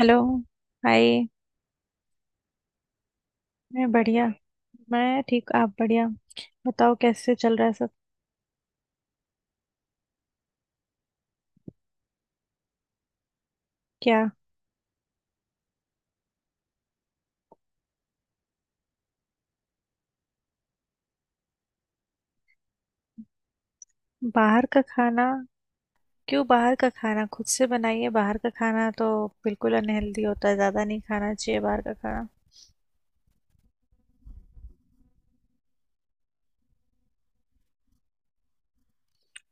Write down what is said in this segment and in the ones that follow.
Hello. Hi. मैं बढ़िया। मैं ठीक। आप? बढ़िया बताओ कैसे चल रहा है सब। क्या? बाहर का खाना? क्यों बाहर का खाना, खुद से बनाइए। बाहर का खाना तो बिल्कुल अनहेल्दी होता है, ज़्यादा नहीं खाना चाहिए बाहर का खाना।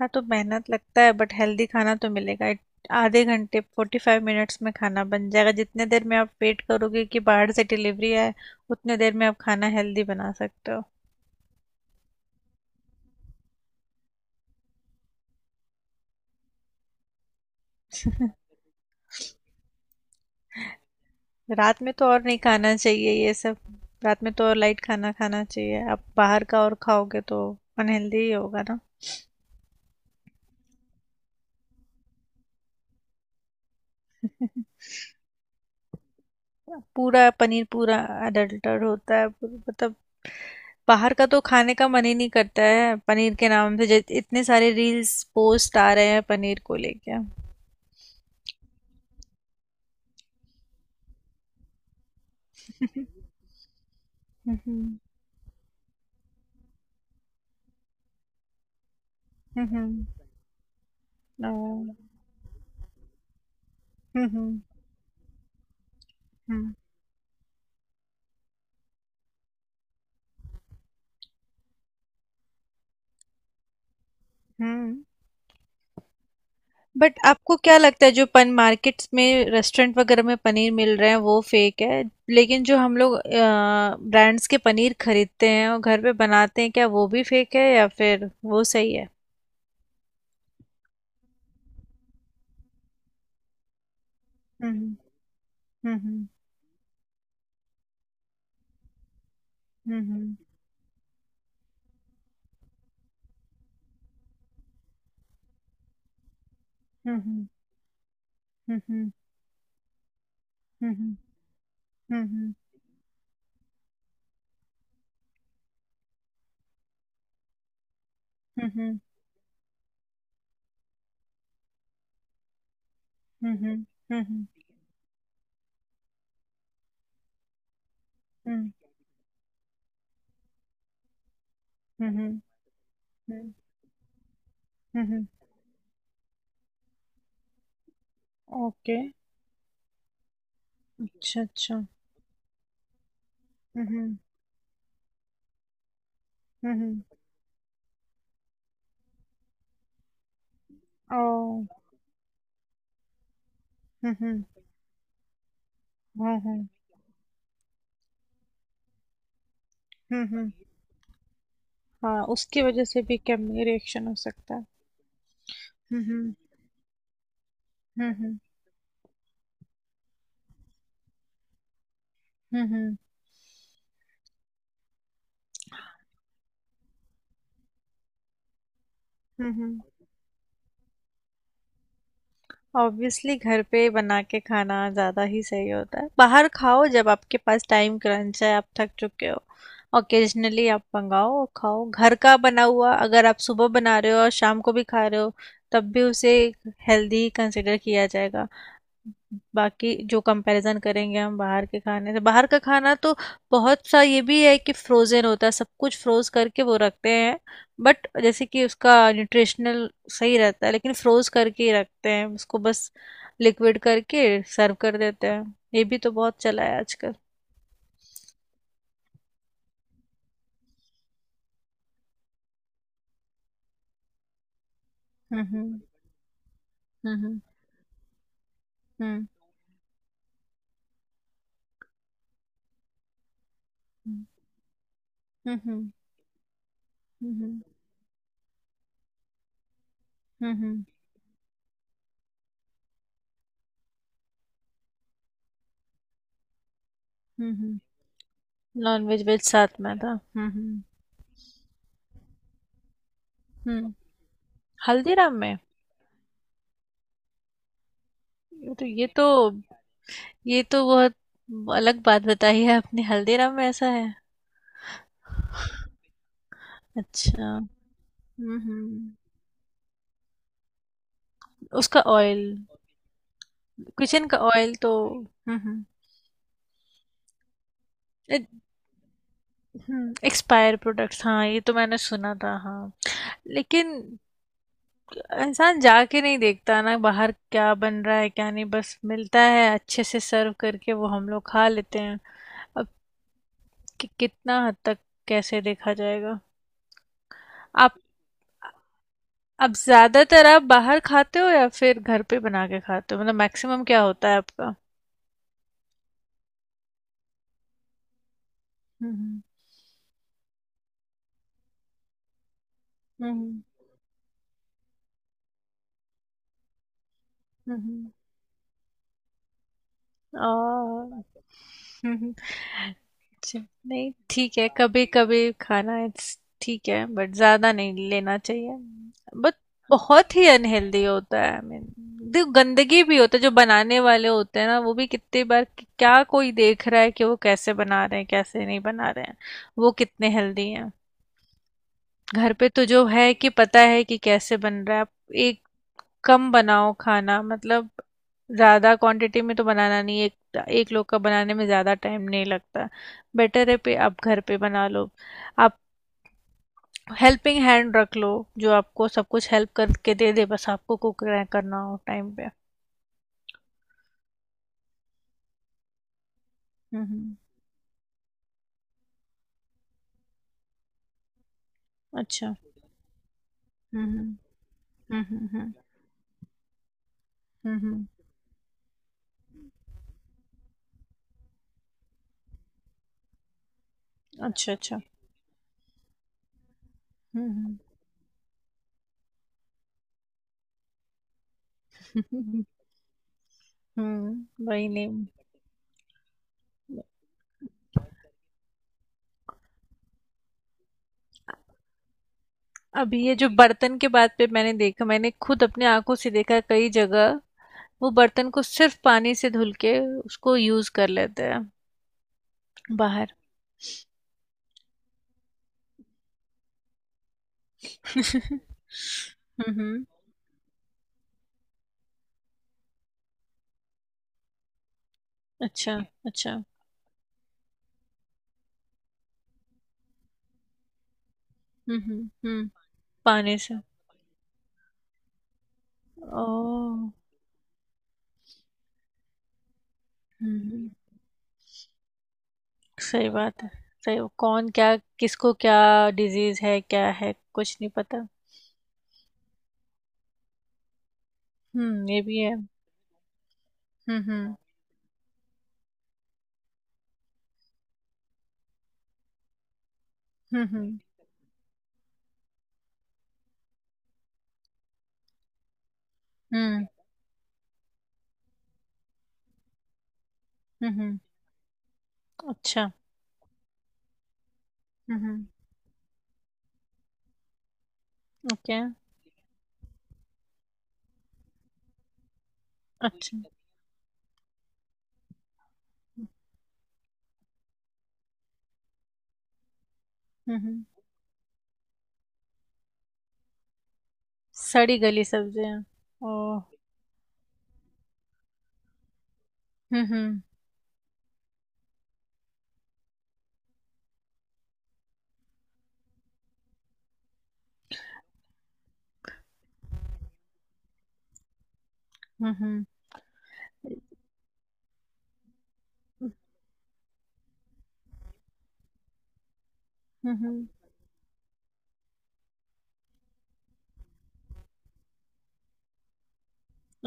हाँ, तो मेहनत लगता है बट हेल्दी खाना तो मिलेगा। आधे घंटे, 45 मिनट्स में खाना बन जाएगा। जितने देर में आप वेट करोगे कि बाहर से डिलीवरी आए, उतने देर में आप खाना हेल्दी बना सकते हो। रात में तो और नहीं खाना चाहिए ये सब। रात में तो और लाइट खाना खाना चाहिए, आप बाहर का और खाओगे तो अनहेल्दी ही होगा ना। पूरा पनीर, पूरा अडल्टर होता है। मतलब बाहर का तो खाने का मन ही नहीं करता है। पनीर के नाम से इतने सारे रील्स पोस्ट आ रहे हैं पनीर को लेके। हम्म। हम्म। हम्म। हम्म। हम्म। हम्म। हम्म, हम्म। बट आपको क्या लगता है जो पन मार्केट्स में, रेस्टोरेंट वगैरह में पनीर मिल रहे हैं वो फेक है? लेकिन जो हम लोग ब्रांड्स के पनीर खरीदते हैं और घर पे बनाते हैं, क्या वो भी फेक है या फिर वो सही है? हम्म। हम्म। हम्म। हम्म। हम्म। हम्म। हम्म। हम्म। हम्म। हम्म। हम्म। हम्म। ओके। अच्छा, अच्छा। हम्म। हम्म। ओ। हम्म। हम्म। हम्म। हाँ, उसकी वजह से भी केमिकल रिएक्शन हो सकता है। हम्म। हम्म। हम्म। हम्म। ऑब्वियसली घर पे बना के खाना ज़्यादा ही सही होता है। बाहर खाओ जब आपके पास टाइम क्रंच है, आप थक चुके हो। ओकेजनली आप मंगाओ और खाओ। घर का बना हुआ अगर आप सुबह बना रहे हो और शाम को भी खा रहे हो, तब भी उसे हेल्दी कंसिडर किया जाएगा। बाकी जो कंपैरिजन करेंगे हम बाहर के खाने से, बाहर का खाना तो बहुत सा ये भी है कि फ्रोजन होता है, सब कुछ फ्रोज करके वो रखते हैं। बट जैसे कि उसका न्यूट्रिशनल सही रहता है, लेकिन फ्रोज करके ही रखते हैं उसको, बस लिक्विड करके सर्व कर देते हैं। ये भी तो बहुत चला है आजकल। हम्म। हम्म। हम्म। हम्म। हम्म। हम्म। हम्म। हम्म। हम्म। नॉन वेज वेज साथ में था। हम्म। हम्म। हम्म। हल्दीराम में? ये तो ये तो ये तो बहुत अलग बात बताई है आपने। हल्दीराम में ऐसा है? अच्छा। हम्म। हम्म। उसका ऑयल। किचन का ऑयल तो। हम्म। हम्म। एक्सपायर प्रोडक्ट्स, हाँ, ये तो मैंने सुना था, हाँ। लेकिन इंसान जाके नहीं देखता ना बाहर क्या बन रहा है क्या नहीं, बस मिलता है अच्छे से सर्व करके, वो हम लोग खा लेते हैं। अब कि, कितना हद तक कैसे देखा जाएगा। आप। अब ज्यादातर आप बाहर खाते हो या फिर घर पे बना के खाते हो, मतलब मैक्सिमम क्या होता है आपका? हम्म। हम्म। हम्म। और। हम्म। अच्छा, नहीं ठीक है। कभी कभी खाना ठीक है, बट ज्यादा नहीं लेना चाहिए। बट बहुत ही अनहेल्दी होता है, आई मीन। देखो गंदगी भी होता है, जो बनाने वाले होते हैं ना वो भी कितनी बार क्या कोई देख रहा है कि वो कैसे बना रहे हैं कैसे नहीं बना रहे हैं, वो कितने हेल्दी। घर पे तो जो है कि पता है कि कैसे बन रहा है। आप एक कम बनाओ खाना, मतलब ज़्यादा क्वांटिटी में तो बनाना नहीं, एक एक लोग का बनाने में ज़्यादा टाइम नहीं लगता। बेटर है पे आप घर पे बना लो। आप हेल्पिंग हैंड रख लो, जो आपको सब कुछ हेल्प करके दे दे, बस आपको कुक करना हो टाइम पे। हम्म। हम्म। अच्छा। हम्म। हम्म। हम्म। हम्म। हम्म। अच्छा, अच्छा। हम्म। हम्म। हम्म, वही नहीं। अभी ये जो बर्तन के बात पे मैंने देखा, मैंने खुद अपने आंखों से देखा कई जगह वो बर्तन को सिर्फ पानी से धुल के उसको यूज कर लेते हैं बाहर। हम्म। अच्छा, अच्छा। हम्म। हम्म। पानी से। ओ। हम्म। सही बात है। सही कौन क्या किसको क्या डिजीज है क्या है कुछ नहीं पता। हम्म, ये भी है। हम्म। हम्म। हम्म। हम्म। हम्म। अच्छा। हम्म। ओके, अच्छा। हम्म। हम्म। सड़ी गली सब्जियाँ। ओह! हुँ, हुँ। हुँ, हुँ। हुँ, हुँ।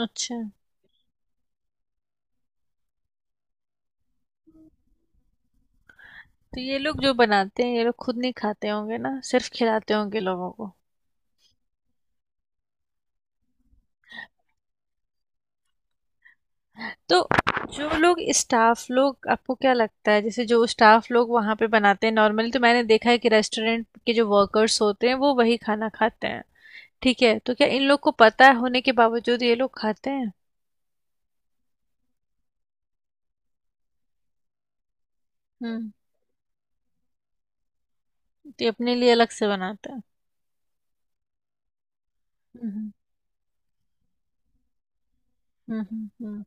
अच्छा, तो ये लोग जो बनाते हैं, ये लोग खुद नहीं खाते होंगे ना, सिर्फ़ खिलाते होंगे लोगों को। तो जो लोग स्टाफ़ लोग आपको क्या लगता है, जैसे जो स्टाफ़ लोग वहाँ पे बनाते हैं, नॉर्मली तो मैंने देखा है कि रेस्टोरेंट के जो वर्कर्स होते हैं, वो वही खाना खाते हैं। ठीक है, तो क्या इन लोग को पता है होने के बावजूद ये लोग खाते हैं? हुँ, तो ये अपने लिए अलग से बनाते हैं। हुँ, हुँ। हुँ, हुँ, हुँ।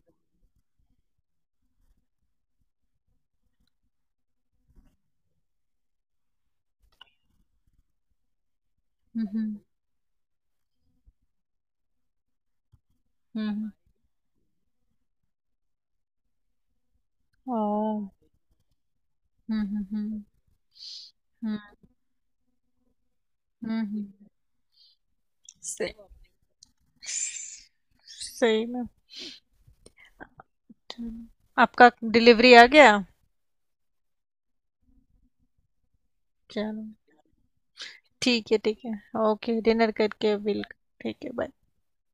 हुँ, हुँ। हुँ, हुँ। ओह! हुँ, हुँ, हुँ। हुँ, हुँ, हुँ। सही। सही में। चलो। आपका डिलीवरी आ गया। चलो, ठीक है, ठीक है। ओके डिनर करके बिल। ठीक है, बाय।